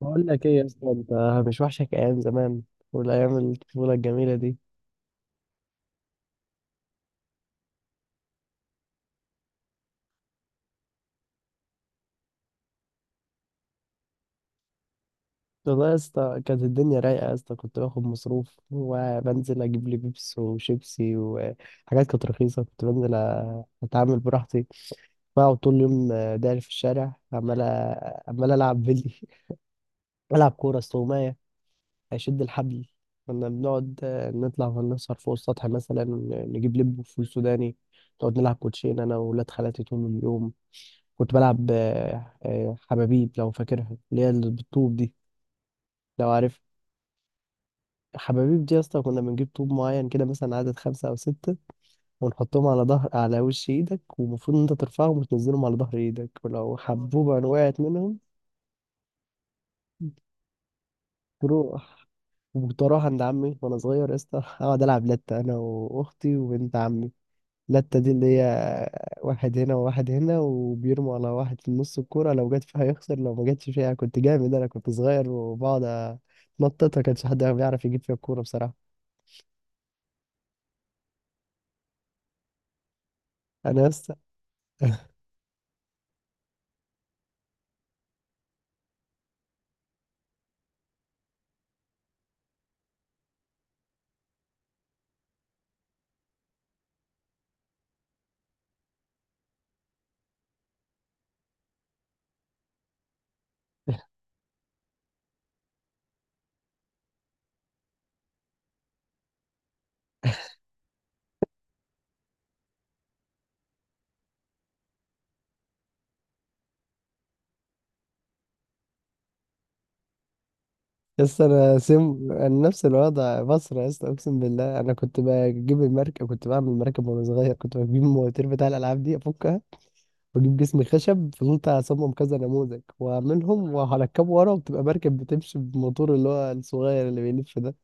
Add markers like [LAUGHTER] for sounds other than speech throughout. بقول لك ايه يا اسطى. انت مش وحشك ايام زمان والايام الطفوله الجميله دي؟ والله يا اسطى كانت الدنيا رايقه يا اسطى. كنت باخد مصروف وبنزل اجيب لي بيبس وشيبسي وحاجات كانت رخيصه. كنت بنزل اتعامل براحتي. بقعد طول اليوم داير في الشارع عمال عمال العب بلي. [LAUGHS] العب كوره، استغمايه، اشد الحبل. كنا بنقعد نطلع ونسهر فوق السطح مثلا، نجيب لب وفول سوداني، نقعد نلعب كوتشين انا وولاد خالاتي طول اليوم. كنت بلعب حبابيب، لو فاكرها، اللي هي اللي بالطوب دي، لو عارف. حبابيب دي يا اسطى كنا بنجيب طوب معين كده مثلا عدد 5 أو 6 ونحطهم على ظهر، على وش إيدك، ومفروض إن أنت ترفعهم وتنزلهم على ظهر إيدك، ولو حبوبة وقعت منهم تروح. وكنت أروح عند عمي وأنا صغير يا اسطى، أقعد ألعب لتة أنا وأختي وبنت عمي. لتة دي اللي هي واحد هنا وواحد هنا وبيرموا على واحد في النص الكورة، لو جت فيها يخسر، لو ما جتش فيها. كنت جامد أنا كنت صغير، وبقعد أتنططها، كانش حد بيعرف يجيب فيها الكورة بصراحة. أنا لسه لسه أنا سم أنا نفس الوضع مصر. لسه أقسم بالله أنا كنت بجيب المركب، كنت بعمل المركب وأنا صغير. كنت بجيب المواتير بتاع الألعاب دي أفكها وأجيب جسم خشب، فضلت أصمم كذا نموذج وأعملهم وهركبه ورا وبتبقى مركب بتمشي بموتور، اللي هو الصغير اللي بيلف ده.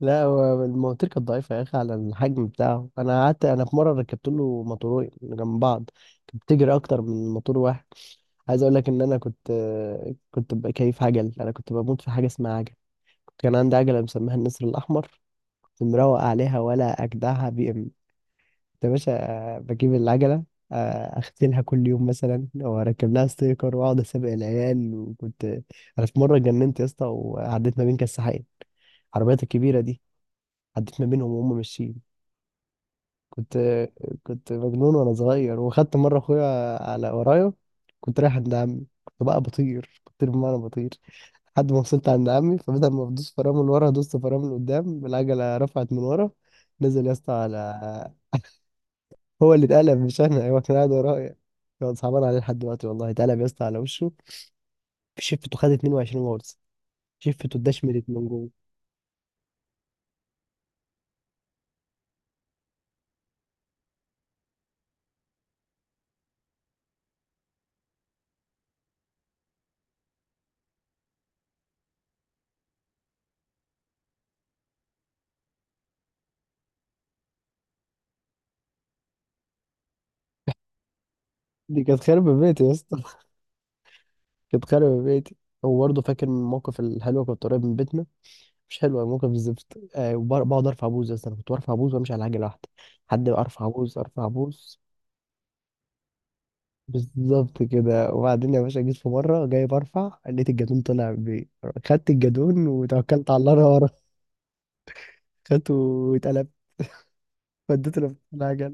لا، هو المواتير كانت ضعيفة يا أخي على الحجم بتاعه. أنا قعدت، أنا في مرة ركبت له موتورين جنب بعض، كانت بتجري أكتر من موتور واحد. عايز أقول لك إن أنا كنت ببقى كيف عجل. أنا كنت بموت في حاجة اسمها عجل، كان عندي عجلة مسميها النسر الأحمر، كنت مروق عليها ولا أجدعها بي إم. كنت يا باشا بجيب العجلة، آه، أغسلها كل يوم مثلا وأركب لها ستيكر وأقعد أسابق العيال. وكنت أنا في مرة اتجننت يا اسطى وعديت ما بين كساحين، العربيات الكبيرة دي، عديت ما بينهم وهم ماشيين. كنت كنت مجنون وانا صغير، وخدت مره اخويا على ورايا كنت رايح عند عمي. كنت بقى بطير بطير بمعنى بطير لحد ما وصلت عند عمي، فبدل ما بدوس فرامل من ورا دوست فرامل من قدام، العجله رفعت من ورا، نزل يا اسطى على... [LAUGHS] هو اللي اتقلب مش انا، هو كان قاعد ورايا. كان صعبان عليه لحد دلوقتي والله، اتقلب يا اسطى على وشه. شفته خد 22 غرز، شفته اتدشملت من جوه. دي كانت خربة بيتي يا اسطى. [LAUGHS] كانت خربة بيتي. هو برضه فاكر من الموقف الحلو، كنت قريب من بيتنا. مش حلوه موقف الزفت بقعد ارفع بوز. بس انا كنت برفع بوز وامشي على عجله واحده، حد ارفع بوز ارفع بوز. بالظبط كده. وبعدين يا باشا جيت في مره جاي برفع، لقيت الجدون طلع بي، خدت الجدون وتوكلت على الله، انا ورا، خدته واتقلبت وديته العجل.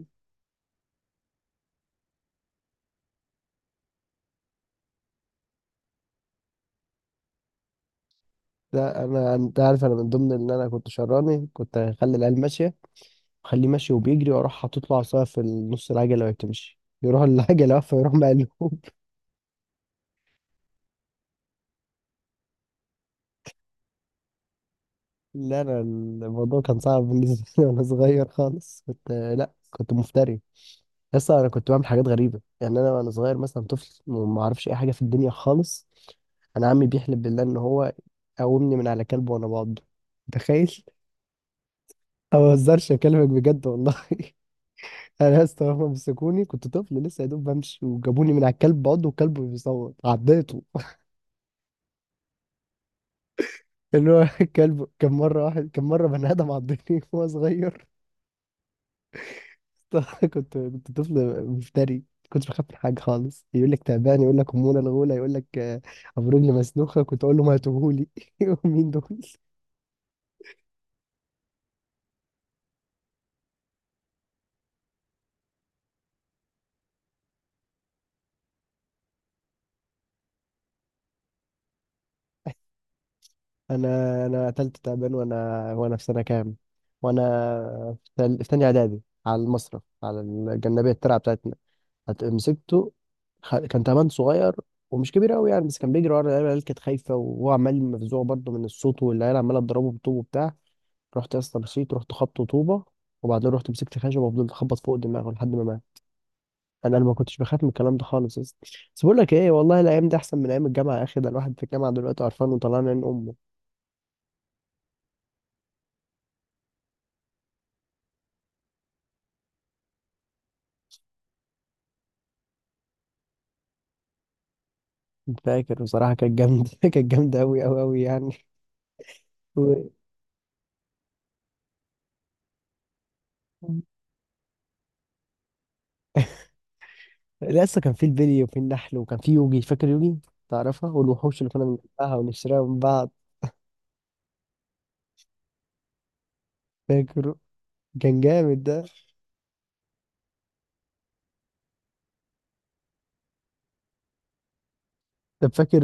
لا انا، انت عارف انا من ضمن ان انا كنت شراني، كنت اخلي العيال ماشيه، اخليه ماشي وبيجري واروح حاطط له عصايه في نص العجله وهي بتمشي، يروح العجله واقفه يروح مقلوب. لا انا الموضوع كان صعب بالنسبه لي، [LAUGHS] وانا صغير خالص كنت، لا كنت مفتري. لسه انا كنت بعمل حاجات غريبه يعني انا وانا صغير، مثلا طفل وما اعرفش اي حاجه في الدنيا خالص. انا عمي بيحلف بالله ان هو قومني من على كلب وانا بعضه، تخيل. أنا ما بهزرش، اكلمك بجد والله. [LAUGHS] انا لسه هما مسكوني كنت طفل لسه يا دوب بمشي، وجابوني من على الكلب بعضه والكلب بيصوت عضيته. [LAUGHS] اللي هو الكلب كان مره، واحد كان مره بني ادم عضني [LAUGHS] وهو صغير. [LAUGHS] كنت طفل مفتري. كنت بخاف من حاجه خالص، يقول لك تعبان يقول لك اموره الغوله يقول لك ابو رجل مسلوخه، كنت اقول له ما هاتوهولي. [LAUGHS] مين دول؟ انا قتلت تعبان وانا، وانا في سنه كام، وانا في في تانية اعدادي، على المصرف على الجنبيه الترعه بتاعتنا، مسكته. كان تعبان صغير ومش كبير قوي يعني، بس كان بيجري ورا العيال، العيال كانت خايفه، وهو عمال مفزوع برضه من الصوت، والعيال عماله تضربه بالطوب وبتاع. رحت يا اسطى مشيت رحت خبط طوبه، وبعدين رحت مسكت خشبه وفضلت اخبط فوق دماغه لحد ما مات. انا ما كنتش بخاف من الكلام ده خالص يا اسطى. بس بقول لك ايه، والله الايام دي احسن من ايام الجامعه يا اخي، ده الواحد في الجامعه دلوقتي قرفان وطلعان عين امه. فاكر بصراحه كانت جامده، [LAUGHS] كانت جامده قوي قوي قوي يعني. و... لسه كان في البلي وفي النحل، وكان في يوجي، فاكر يوجي؟ تعرفها، والوحوش اللي كنا بنجمعها ونشتريها من بعض. فاكره، كان جامد ده. طب فاكر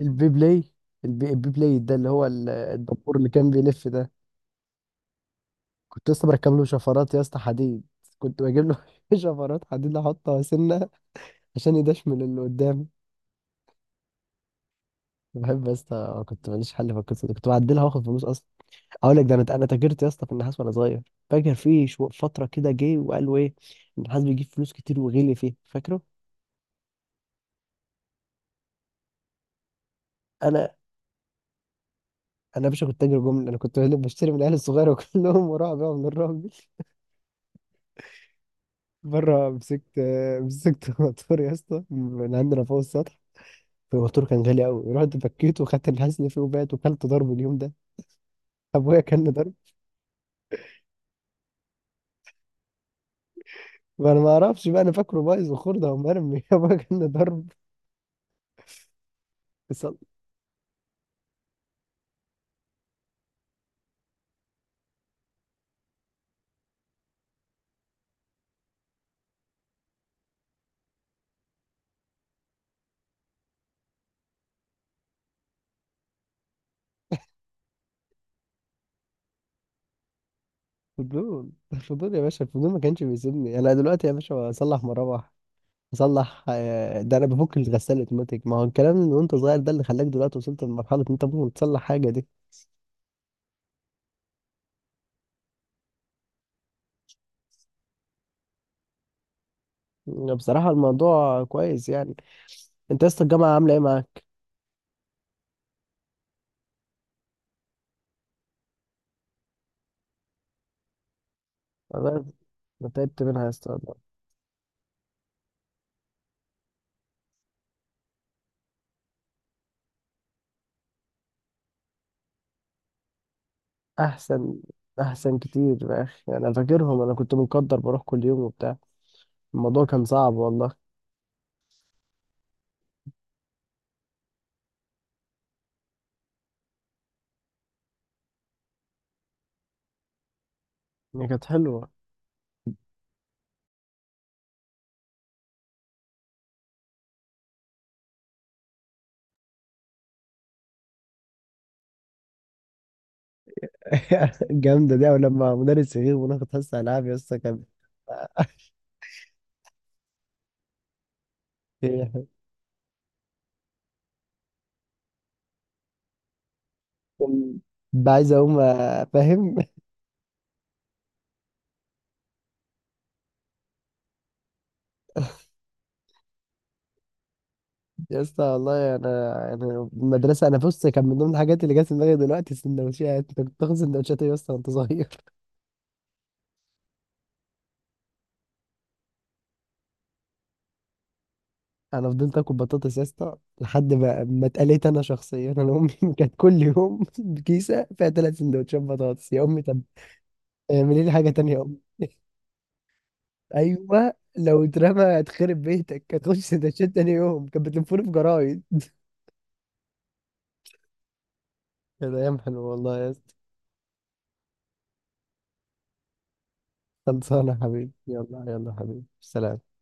البي بلاي؟ البي بلاي ده اللي هو الدبور اللي كان بيلف ده، كنت لسه بركب له شفرات يا اسطى، حديد. كنت بجيب له [LAUGHS] شفرات حديد احطها سنه عشان يدشمل اللي قدامي. بحب يا اسطى، كنت ماليش حل في القصه دي، كنت بعدلها واخد فلوس اصلا. اقول لك، ده انا تاجرت يا اسطى في النحاس وانا صغير. فاكر في فتره كده جه وقالوا ايه؟ النحاس بيجيب فلوس كتير وغلي فيه، فاكره؟ انا يا باشا كنت تاجر جمله، انا كنت [LAUGHS] بشتري من العيال الصغيره كلهم، [LAUGHS] وراح ابيعهم للراجل. مره مسكت [LAUGHS] موتور يا اسطى من عندنا فوق السطح. فالموتور كان غالي قوي، رحت فكيته وخدت الحزن فيه وبعت، وكلت ضرب اليوم ده، ابويا كان ضرب. وانا ما اعرفش بقى، انا فاكره بايظ وخرده ومرمي. [LAUGHS] ابويا كان ضرب. فصل- فضول، الفضول يا باشا الفضول ما كانش بيسيبني. انا دلوقتي يا باشا اصلح مراوح، اصلح ده انا بفك الغساله اوتوماتيك. ما هو الكلام اللي وانت صغير ده اللي خلاك دلوقتي وصلت لمرحله ان انت ممكن تصلح حاجه دي. بصراحه الموضوع كويس يعني. انت يا اسطى الجامعه عامله ايه معاك؟ والله انا تعبت منها يا اسطى. احسن، احسن كتير يا اخي، انا فاكرهم، انا كنت مقدر بروح كل يوم وبتاع، الموضوع كان صعب والله. هي كانت حلوه. [LAUGHS] جامدة دي، أو لما مدرس يغيب وناخد حصة ألعاب يا اسطى كان، [LAUGHS] يعني كان بقى عايز أقوم فاهم. [LAUGHS] يا اسطى والله انا، انا المدرسه بص، كان من ضمن الحاجات اللي جت في دماغي دلوقتي السندوتشات. انت كنت بتاخد سندوتشات إيه يا اسطى وانت صغير؟ انا فضلت اكل بطاطس يا اسطى لحد ما ما اتقليت انا شخصيا. انا امي [LAUGHS] كانت كل يوم كيسه فيها 3 سندوتشات بطاطس. يا امي طب اعملي لي حاجه تانية يا امي. [LAUGHS] ايوه لو اترمى هتخرب بيتك، هتخش سندوتشات تاني يوم، كانت بتلفوني في جرايد. كانت ايام حلوه والله يا اسطى. خلصانه يا حبيبي، يلا يلا يا حبيبي، سلام.